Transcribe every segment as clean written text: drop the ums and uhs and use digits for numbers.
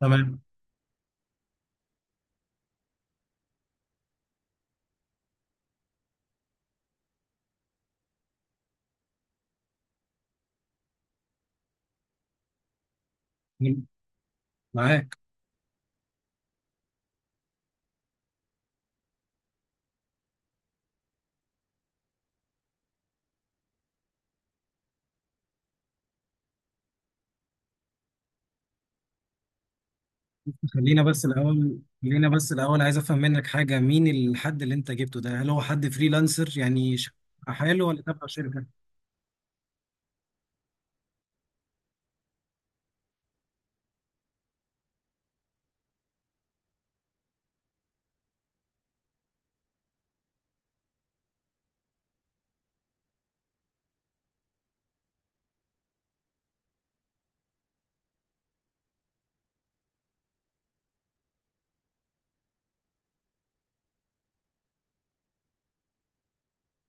تمام. معاك. خلينا بس الاول خلينا بس الاول عايز افهم منك حاجه، مين الحد اللي انت جبته ده؟ هل هو حد فريلانسر يعني حاله ولا تبع شركه؟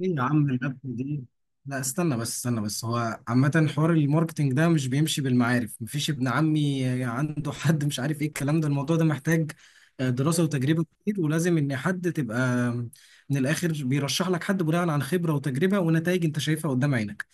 ايه يا عم الربح دي! لا استنى بس، استنى بس، هو عامه حوار الماركتينج ده مش بيمشي بالمعارف، مفيش ابن عمي عنده حد مش عارف ايه، الكلام ده الموضوع ده محتاج دراسه وتجربه كتير، ولازم ان حد تبقى من الاخر بيرشح لك حد بناء عن خبره وتجربه ونتائج انت شايفها قدام عينك.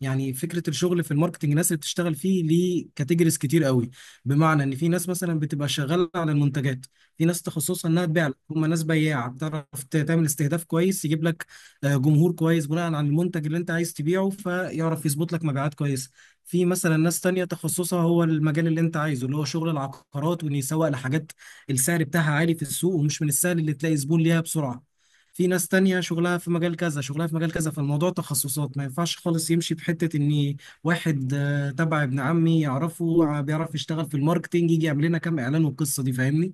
يعني فكره الشغل في الماركتنج، الناس اللي بتشتغل فيه ليه كاتيجوريز كتير قوي. بمعنى ان في ناس مثلا بتبقى شغاله على المنتجات، في ناس تخصصها انها تبيع، هم ناس بياعه بتعرف تعمل استهداف كويس، يجيب لك جمهور كويس بناء على المنتج اللي انت عايز تبيعه، فيعرف يظبط لك مبيعات كويسه. في مثلا ناس تانية تخصصها هو المجال اللي انت عايزه اللي هو شغل العقارات، وان يسوق لحاجات السعر بتاعها عالي في السوق ومش من السهل اللي تلاقي زبون ليها بسرعة. في ناس تانية شغلها في مجال كذا، شغلها في مجال كذا، فالموضوع تخصصات، ما ينفعش خالص يمشي بحتة ان واحد تبع ابن عمي يعرفه بيعرف يشتغل في الماركتينج يجي يعمل لنا كام اعلان والقصة دي، فاهمني؟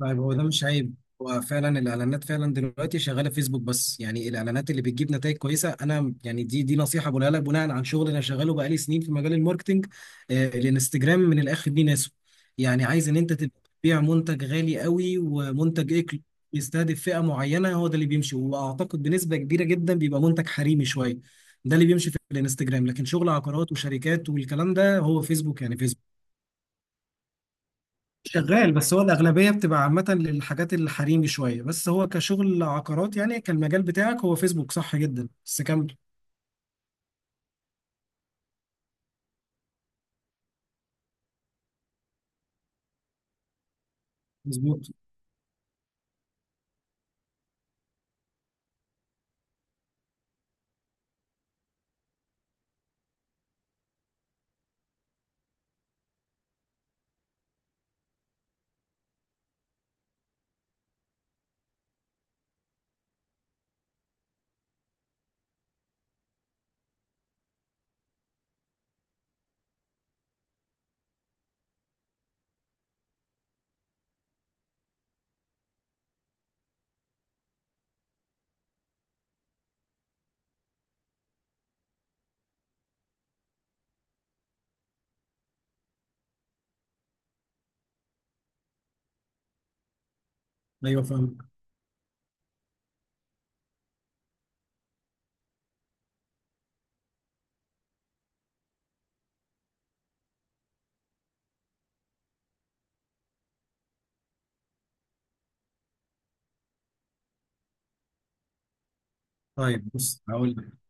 طيب هو ده مش عيب، هو فعلا الاعلانات فعلا دلوقتي شغاله فيسبوك بس، يعني الاعلانات اللي بتجيب نتائج كويسه، انا يعني دي نصيحه بقولها لك بناء عن شغل انا شغاله بقالي سنين في مجال الماركتنج. الانستجرام من الاخر دي ناسه، يعني عايز ان انت تبقى تبيع منتج غالي قوي ومنتج اكل يستهدف فئه معينه، هو ده اللي بيمشي، واعتقد بنسبه كبيره جدا بيبقى منتج حريمي شويه، ده اللي بيمشي في الانستجرام. لكن شغل عقارات وشركات والكلام ده هو فيسبوك، يعني فيسبوك شغال، بس هو الأغلبية بتبقى عامة للحاجات الحريمي شوية، بس هو كشغل عقارات يعني كان المجال بتاعك هو فيسبوك، صح جدا، بس كمل. مظبوط. أيوه فاهم. طيب بص هقول لك،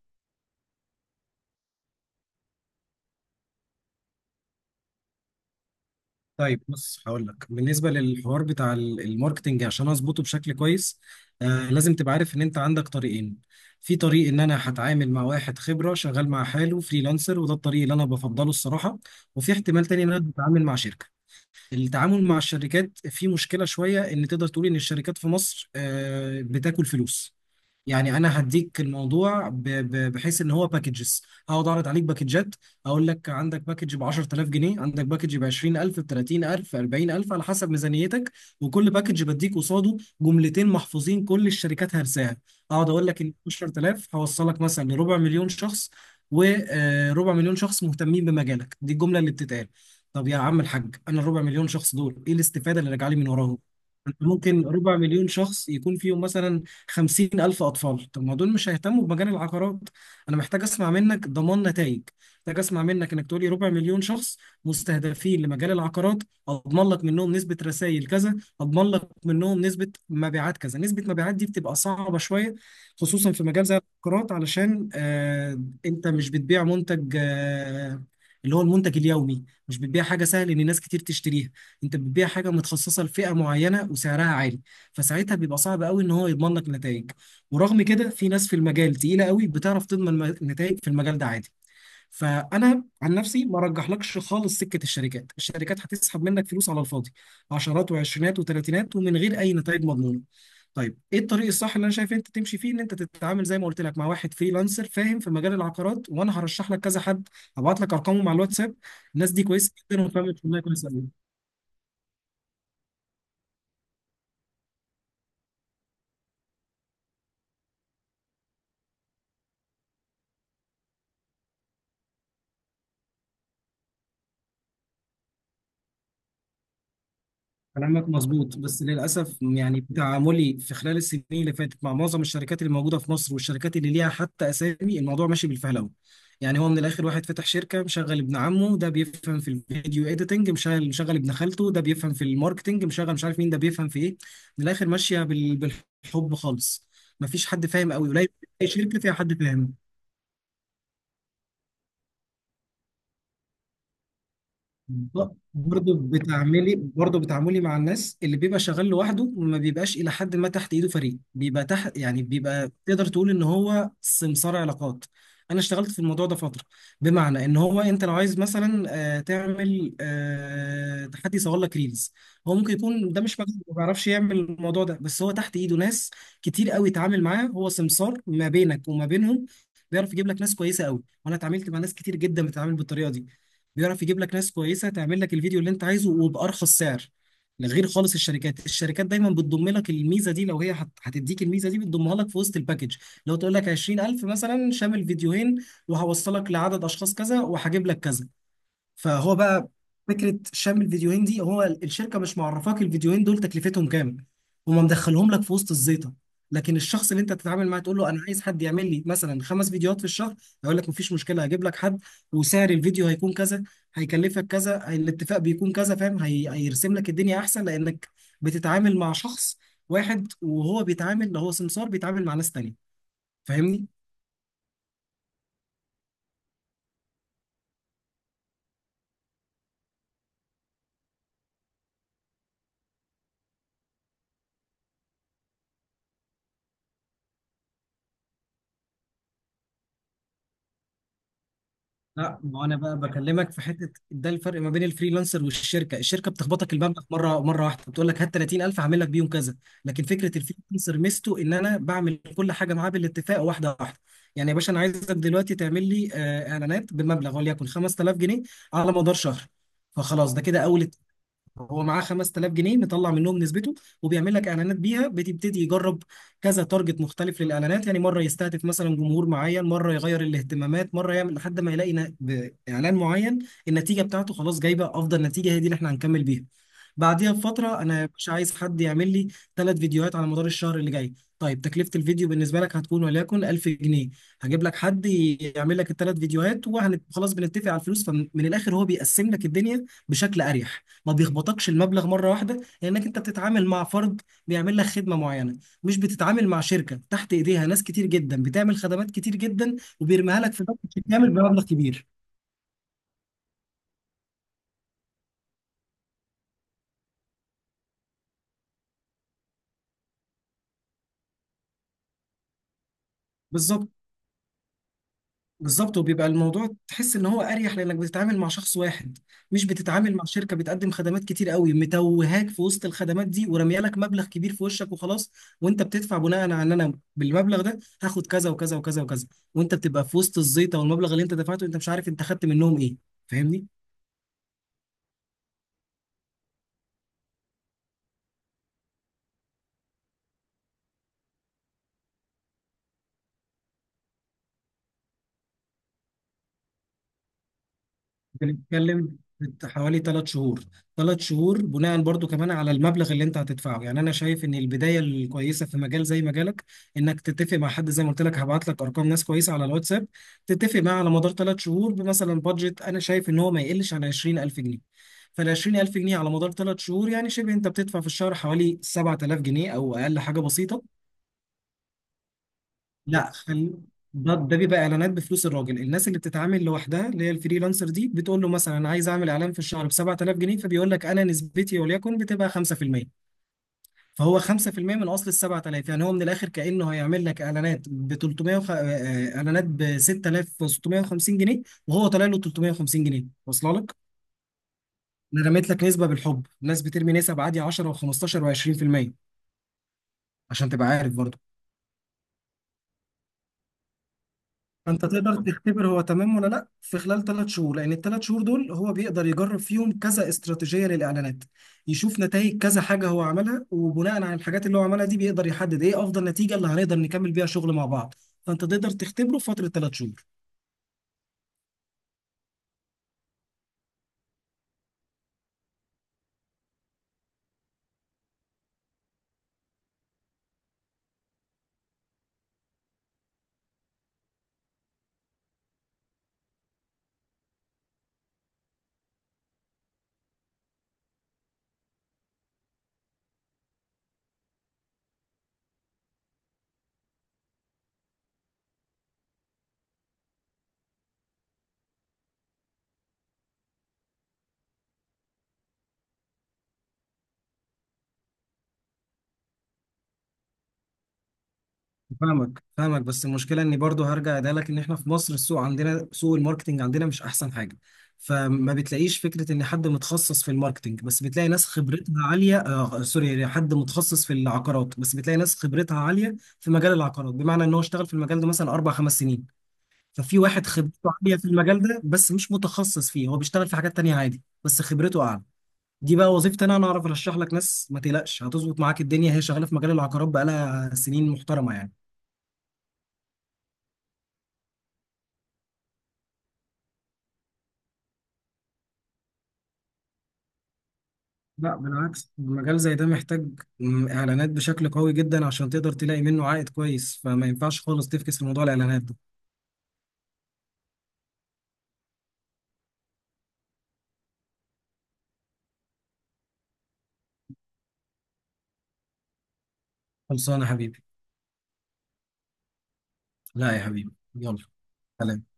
طيب بص هقول لك بالنسبة للحوار بتاع الماركتينج عشان أظبطه بشكل كويس، لازم تبقى عارف إن أنت عندك طريقين. في طريق إن أنا هتعامل مع واحد خبرة شغال مع حاله فريلانسر، وده الطريق اللي أنا بفضله الصراحة. وفي احتمال تاني إن أنا بتعامل مع شركة. التعامل مع الشركات في مشكلة شوية، إن تقدر تقول إن الشركات في مصر بتاكل فلوس. يعني انا هديك الموضوع بحيث ان هو باكجز، هقعد اعرض عليك باكجات، اقول لك عندك باكج ب 10000 جنيه، عندك باكج ب 20000، ب 30000، 40000 على حسب ميزانيتك، وكل باكج بديك قصاده جملتين محفوظين كل الشركات هرساها. اقعد اقول لك ان 10000 هوصلك مثلا لربع مليون شخص، وربع مليون شخص مهتمين بمجالك، دي الجمله اللي بتتقال. طب يا عم الحاج انا الربع مليون شخص دول ايه الاستفاده اللي راجعه لي من وراهم؟ انت ممكن ربع مليون شخص يكون فيهم مثلا 50 ألف أطفال، طب ما دول مش هيهتموا بمجال العقارات. أنا محتاج أسمع منك ضمان نتائج، محتاج أسمع منك إنك تقولي ربع مليون شخص مستهدفين لمجال العقارات، أضمن لك منهم نسبة رسائل كذا، أضمن لك منهم نسبة مبيعات كذا. نسبة مبيعات دي بتبقى صعبة شوية، خصوصا في مجال زي العقارات، علشان آه أنت مش بتبيع منتج آه اللي هو المنتج اليومي، مش بتبيع حاجة سهل إن ناس كتير تشتريها، انت بتبيع حاجه متخصصه لفئه معينه وسعرها عالي. فساعتها بيبقى صعب قوي ان هو يضمن لك نتائج، ورغم كده في ناس في المجال تقيله قوي بتعرف تضمن نتائج في المجال ده عادي. فانا عن نفسي ما رجحلكش خالص سكه الشركات، الشركات هتسحب منك فلوس على الفاضي، عشرات وعشرينات وتلاتينات ومن غير اي نتائج مضمونه. طيب ايه الطريق الصح اللي انا شايف انت تمشي فيه؟ ان انت تتعامل زي ما قلت لك مع واحد فريلانسر فاهم في مجال العقارات، وانا هرشح لك كذا حد، هبعت لك ارقامه مع الواتساب. الناس دي كويسه جدا وفاهمه الشغلانه كويسه قوي. كلامك مظبوط، بس للأسف يعني تعاملي في خلال السنين اللي فاتت مع معظم الشركات اللي موجودة في مصر والشركات اللي ليها حتى أسامي، الموضوع ماشي بالفهلوة. يعني هو من الآخر واحد فتح شركة، مشغل ابن عمه ده بيفهم في الفيديو إيديتنج، مشغل ابن خالته ده بيفهم في الماركتنج، مشغل مش عارف مين ده بيفهم في إيه، من الآخر ماشية بالحب خالص. مفيش حد فاهم، قوي قليل أي شركة فيها حد فاهم. برضه بتعاملي مع الناس اللي بيبقى شغال لوحده، وما بيبقاش الى حد ما تحت ايده فريق بيبقى تحت، يعني بيبقى تقدر تقول ان هو سمسار علاقات. انا اشتغلت في الموضوع ده فتره، بمعنى ان هو انت لو عايز مثلا تعمل تحدي يصور لك ريلز، هو ممكن يكون ده مش مجال، ما بيعرفش يعمل الموضوع ده، بس هو تحت ايده ناس كتير قوي يتعامل معاه، هو سمسار ما بينك وما بينهم. بيعرف يجيب لك ناس كويسه قوي، وانا اتعاملت مع ناس كتير جدا بتتعامل بالطريقه دي، بيعرف يجيب لك ناس كويسه تعمل لك الفيديو اللي انت عايزه وبارخص سعر. غير خالص الشركات، الشركات دايما بتضم لك الميزه دي، لو هي هتديك الميزه دي بتضمها لك في وسط الباكج، لو تقول لك 20000 مثلا شامل فيديوهين وهوصلك لعدد اشخاص كذا وهجيب لك كذا، فهو بقى فكره شم الفيديوهين دي، هو الشركه مش معرفاك الفيديوهين دول تكلفتهم كام، هما مدخلهم لك في وسط الزيطه. لكن الشخص اللي انت تتعامل معاه تقول له انا عايز حد يعمل لي مثلا 5 فيديوهات في الشهر، يقول لك مفيش مشكله هجيب لك حد، وسعر الفيديو هيكون كذا، هيكلفك كذا، الاتفاق بيكون كذا، فاهم؟ هيرسم لك الدنيا احسن لانك بتتعامل مع شخص واحد، وهو بيتعامل، هو سمسار بيتعامل مع ناس تانية، فاهمني؟ لا، ما انا بقى بكلمك في حته ده الفرق ما بين الفريلانسر والشركه، الشركه بتخبطك المبلغ مره واحده، بتقول لك هات 30000 هعمل لك بيهم كذا. لكن فكره الفريلانسر ميزته ان انا بعمل كل حاجه معاه بالاتفاق واحده واحده. يعني يا باشا انا عايزك دلوقتي تعمل لي اعلانات بمبلغ وليكن 5000 جنيه على مدار شهر، فخلاص ده كده اول، هو معاه 5000 جنيه مطلع منهم نسبته، وبيعمل لك اعلانات بيها بتبتدي يجرب كذا تارجت مختلف للاعلانات، يعني مره يستهدف مثلا جمهور معين، مره يغير الاهتمامات، مره يعمل لحد ما يلاقي باعلان معين النتيجه بتاعته خلاص جايبه افضل نتيجه، هي دي اللي احنا هنكمل بيها. بعديها بفتره انا مش عايز حد يعمل لي 3 فيديوهات على مدار الشهر اللي جاي، طيب تكلفه الفيديو بالنسبه لك هتكون وليكن 1000 جنيه، هجيب لك حد يعمل لك ال 3 فيديوهات، وخلاص بنتفق على الفلوس، فمن الاخر هو بيقسم لك الدنيا بشكل اريح، ما بيخبطكش المبلغ مره واحده، لانك انت بتتعامل مع فرد بيعمل لك خدمه معينه، مش بتتعامل مع شركه تحت ايديها ناس كتير جدا بتعمل خدمات كتير جدا وبيرميها لك في باكج كامل بمبلغ كبير. بالظبط. بالظبط، وبيبقى الموضوع تحس ان هو اريح لانك بتتعامل مع شخص واحد، مش بتتعامل مع شركه بتقدم خدمات كتير قوي متوهاك في وسط الخدمات دي ورميه لك مبلغ كبير في وشك وخلاص. وانت بتدفع بناء على ان انا بالمبلغ ده هاخد كذا وكذا وكذا وكذا، وانت بتبقى في وسط الزيطه والمبلغ اللي انت دفعته انت مش عارف انت خدت منهم ايه، فاهمني؟ بنتكلم في حوالي 3 شهور، 3 شهور بناء برضو كمان على المبلغ اللي انت هتدفعه، يعني انا شايف ان البدايه الكويسه في مجال زي مجالك انك تتفق مع حد زي ما قلت لك، هبعت لك ارقام ناس كويسه على الواتساب، تتفق معاه على مدار 3 شهور بمثلا بادجت انا شايف ان هو ما يقلش عن 20000 جنيه، فال 20000 جنيه على مدار 3 شهور يعني شبه انت بتدفع في الشهر حوالي 7000 جنيه او اقل، حاجه بسيطه. لا خل... ده بيبقى اعلانات بفلوس الراجل، الناس اللي بتتعامل لوحدها اللي هي الفريلانسر دي بتقول له مثلا انا عايز اعمل اعلان في الشهر ب 7000 جنيه، فبيقول لك انا نسبتي وليكن بتبقى 5%، فهو 5% من اصل ال 7000، يعني هو من الاخر كانه هيعمل لك اعلانات ب 300 وخ... آه، آه، اعلانات ب 6650 جنيه، وهو طالع له 350 جنيه واصله لك. انا رميت لك نسبه بالحب، الناس بترمي نسب عادي 10 و15 و20%، عشان تبقى عارف برضه. فانت تقدر تختبر هو تمام ولا لا في خلال 3 شهور، لان ال 3 شهور دول هو بيقدر يجرب فيهم كذا استراتيجيه للاعلانات، يشوف نتائج كذا حاجه هو عملها، وبناء على الحاجات اللي هو عملها دي بيقدر يحدد ايه افضل نتيجه اللي هنقدر نكمل بيها شغل مع بعض، فانت تقدر تختبره في فتره 3 شهور. فاهمك، فاهمك، بس المشكله اني برضو هرجع ده لك، ان احنا في مصر السوق عندنا سوق الماركتنج عندنا مش احسن حاجه، فما بتلاقيش فكره ان حد متخصص في الماركتنج بس، بتلاقي ناس خبرتها عاليه، آه سوري، حد متخصص في العقارات بس بتلاقي ناس خبرتها عاليه في مجال العقارات، بمعنى ان هو اشتغل في المجال ده مثلا 4 5 سنين. ففي واحد خبرته عاليه في المجال ده بس مش متخصص فيه، هو بيشتغل في حاجات تانية عادي بس خبرته اعلى. دي بقى وظيفتي انا، انا اعرف ارشح لك ناس، ما تقلقش هتظبط معاك الدنيا، هي شغاله في مجال العقارات بقالها سنين محترمه يعني. لا بالعكس، المجال زي ده محتاج اعلانات بشكل قوي جدا عشان تقدر تلاقي منه عائد كويس، فما ينفعش خالص تفكس في موضوع الاعلانات ده. خلصانه يا حبيبي. لا يا حبيبي، يلا. سلام.